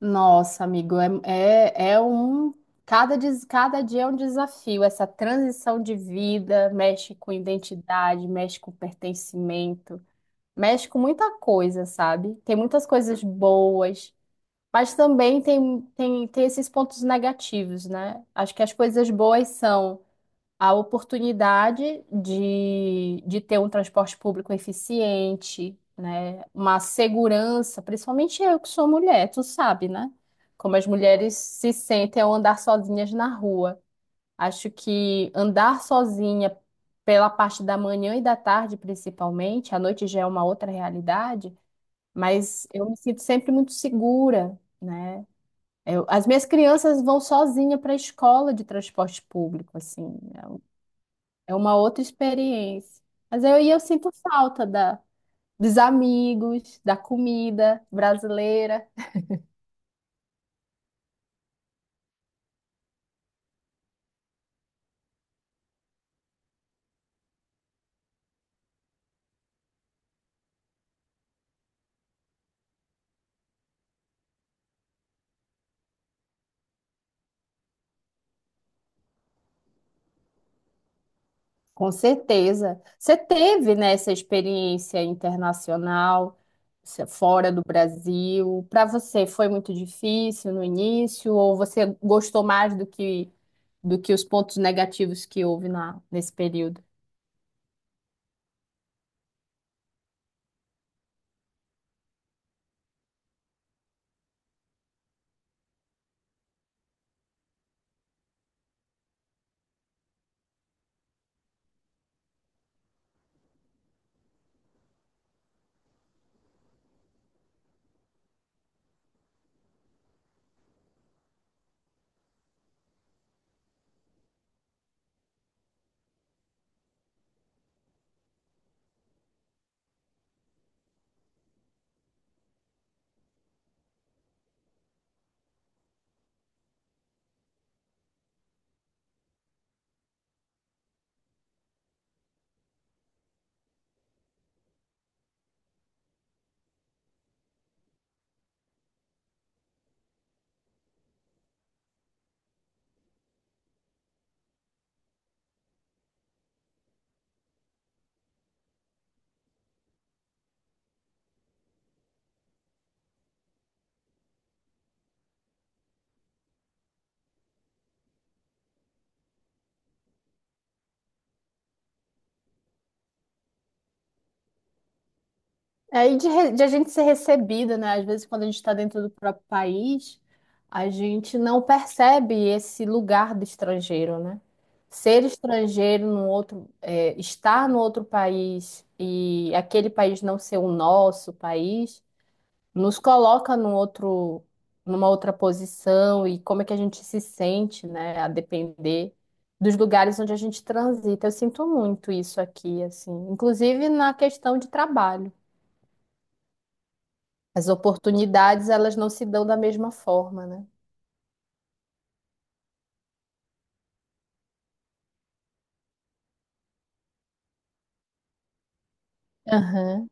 Nossa, amigo, é um. Cada dia é um desafio. Essa transição de vida mexe com identidade, mexe com pertencimento, mexe com muita coisa, sabe? Tem muitas coisas boas, mas também tem esses pontos negativos, né? Acho que as coisas boas são a oportunidade de ter um transporte público eficiente, né? Uma segurança, principalmente eu que sou mulher, tu sabe, né? Como as mulheres se sentem ao andar sozinhas na rua. Acho que andar sozinha pela parte da manhã e da tarde, principalmente, à noite já é uma outra realidade, mas eu me sinto sempre muito segura, né? As minhas crianças vão sozinha para a escola de transporte público, assim. Né? É uma outra experiência. E eu sinto falta dos amigos, da comida brasileira. Com certeza. Você teve, né, essa experiência internacional, fora do Brasil. Para você foi muito difícil no início, ou você gostou mais do que os pontos negativos que houve nesse período? É, e de a gente ser recebida, né? Às vezes, quando a gente está dentro do próprio país, a gente não percebe esse lugar do estrangeiro, né? Ser estrangeiro no outro, é, estar no outro país e aquele país não ser o nosso país, nos coloca numa outra posição e como é que a gente se sente, né? A depender dos lugares onde a gente transita. Eu sinto muito isso aqui, assim, inclusive na questão de trabalho. As oportunidades, elas não se dão da mesma forma, né? Aham.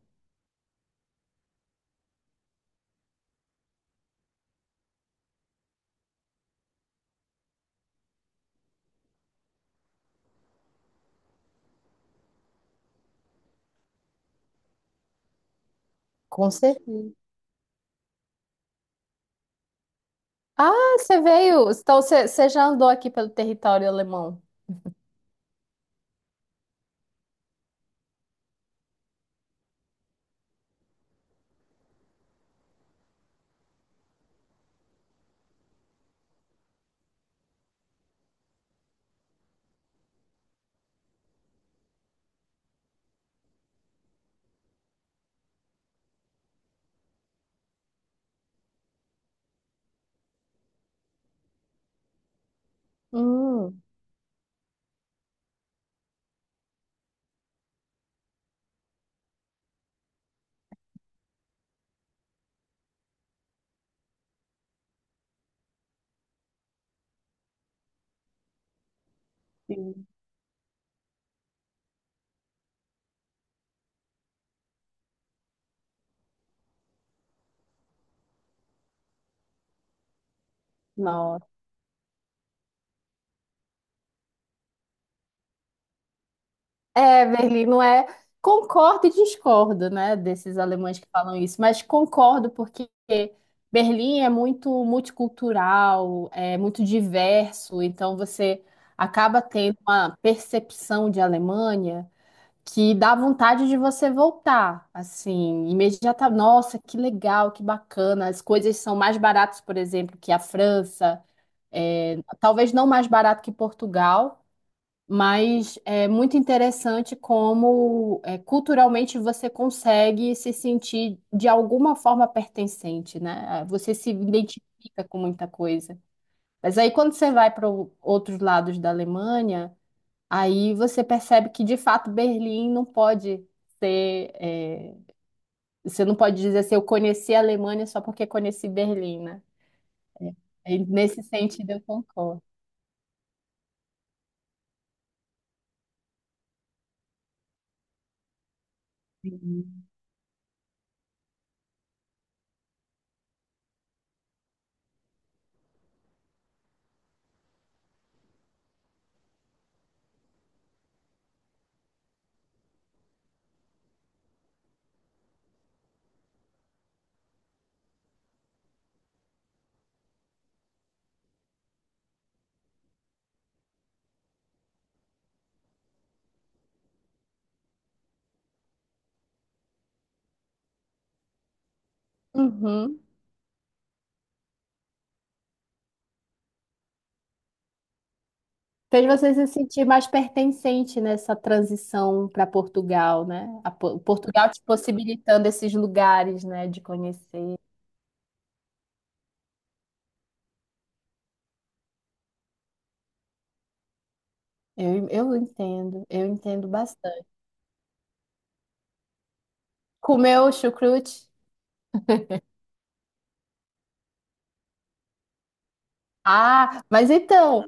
Com certeza. Ah, você veio. Então, você já andou aqui pelo território alemão. Hum. Sim. Nossa. É, Berlim, não é? Concordo e discordo, né, desses alemães que falam isso, mas concordo porque Berlim é muito multicultural, é muito diverso, então você acaba tendo uma percepção de Alemanha que dá vontade de você voltar, assim, imediata. Nossa, que legal, que bacana. As coisas são mais baratas, por exemplo, que a França. É, talvez não mais barato que Portugal, mas é muito interessante como é, culturalmente você consegue se sentir de alguma forma pertencente, né? Você se identifica com muita coisa. Mas aí quando você vai para outros lados da Alemanha, aí você percebe que, de fato, Berlim não pode ser. É, você não pode dizer assim, eu conheci a Alemanha só porque conheci Berlim, né? E nesse sentido, eu concordo. Uhum. Fez você se sentir mais pertencente nessa transição para Portugal, né? A Portugal te possibilitando esses lugares, né, de conhecer. Eu entendo bastante. Comeu chucrute? Ah, mas então.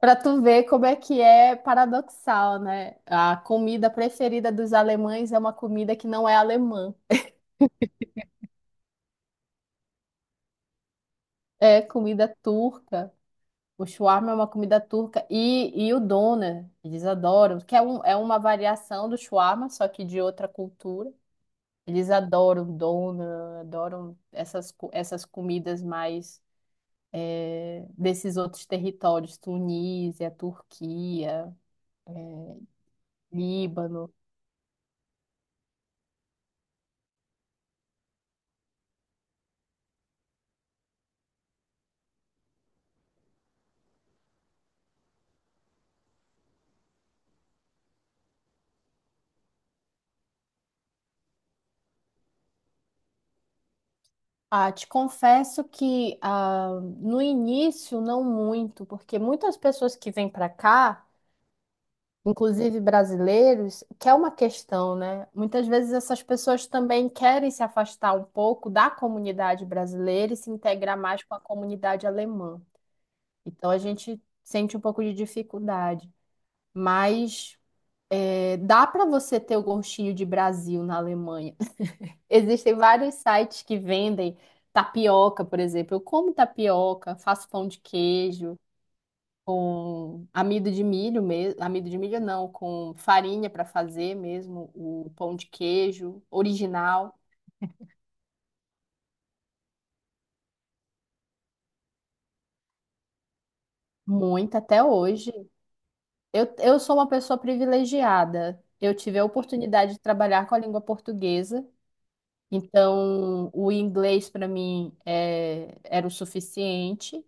Pra tu ver como é que é paradoxal, né? A comida preferida dos alemães é uma comida que não é alemã, é comida turca. O shawarma é uma comida turca e, o doner, eles adoram, que é, um, é uma variação do shawarma, só que de outra cultura. Eles adoram doner, adoram essas comidas mais desses outros territórios, Tunísia, Turquia, Líbano. Ah, te confesso que no início não muito, porque muitas pessoas que vêm para cá, inclusive brasileiros, que é uma questão, né? Muitas vezes essas pessoas também querem se afastar um pouco da comunidade brasileira e se integrar mais com a comunidade alemã. Então a gente sente um pouco de dificuldade, mas dá para você ter o gostinho de Brasil na Alemanha. Existem vários sites que vendem tapioca, por exemplo. Eu como tapioca, faço pão de queijo com amido de milho mesmo, amido de milho não, com farinha para fazer mesmo o pão de queijo original, muito até hoje. Eu sou uma pessoa privilegiada. Eu tive a oportunidade de trabalhar com a língua portuguesa, então o inglês para mim é, era o suficiente.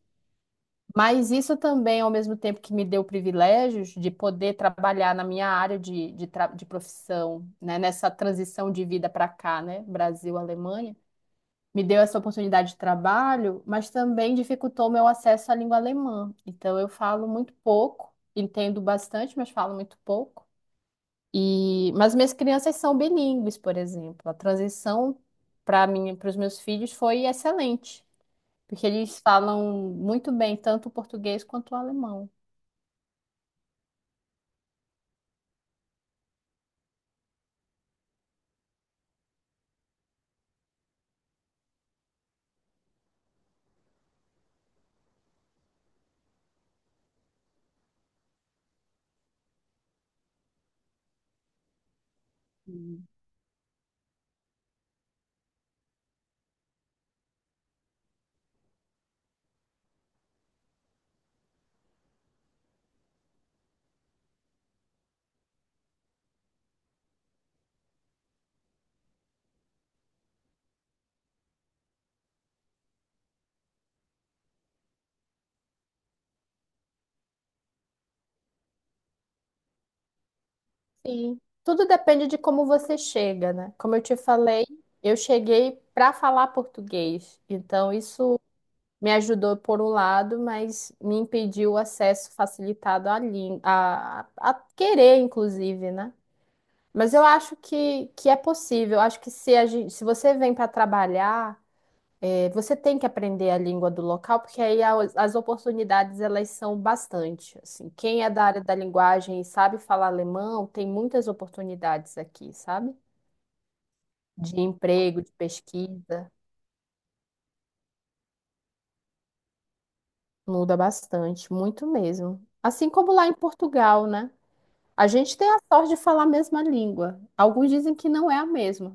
Mas isso também, ao mesmo tempo que me deu privilégios de poder trabalhar na minha área de profissão, né, nessa transição de vida para cá, né? Brasil, Alemanha, me deu essa oportunidade de trabalho, mas também dificultou meu acesso à língua alemã. Então, eu falo muito pouco, entendo bastante, mas falo muito pouco. Mas minhas crianças são bilíngues, por exemplo. A transição para mim, para os meus filhos foi excelente. Porque eles falam muito bem tanto o português quanto o alemão. Hum. Sim, tudo depende de como você chega, né? Como eu te falei, eu cheguei para falar português, então isso me ajudou por um lado, mas me impediu o acesso facilitado à língua, a querer, inclusive, né? Mas eu acho que é possível. Acho que se, a gente, se você vem para trabalhar. É, você tem que aprender a língua do local, porque aí as oportunidades elas são bastante. Assim, quem é da área da linguagem e sabe falar alemão, tem muitas oportunidades aqui, sabe? De emprego, de pesquisa, muda bastante, muito mesmo. Assim como lá em Portugal, né? A gente tem a sorte de falar a mesma língua. Alguns dizem que não é a mesma.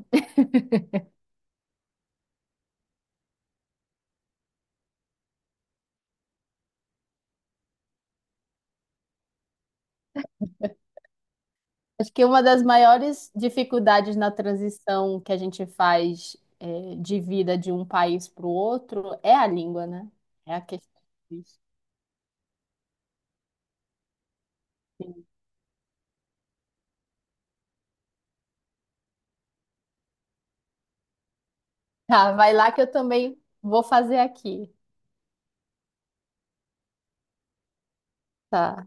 Acho que uma das maiores dificuldades na transição que a gente faz é, de vida de um país para o outro é a língua, né? É a questão. Disso. Tá, vai lá que eu também vou fazer aqui. Tá.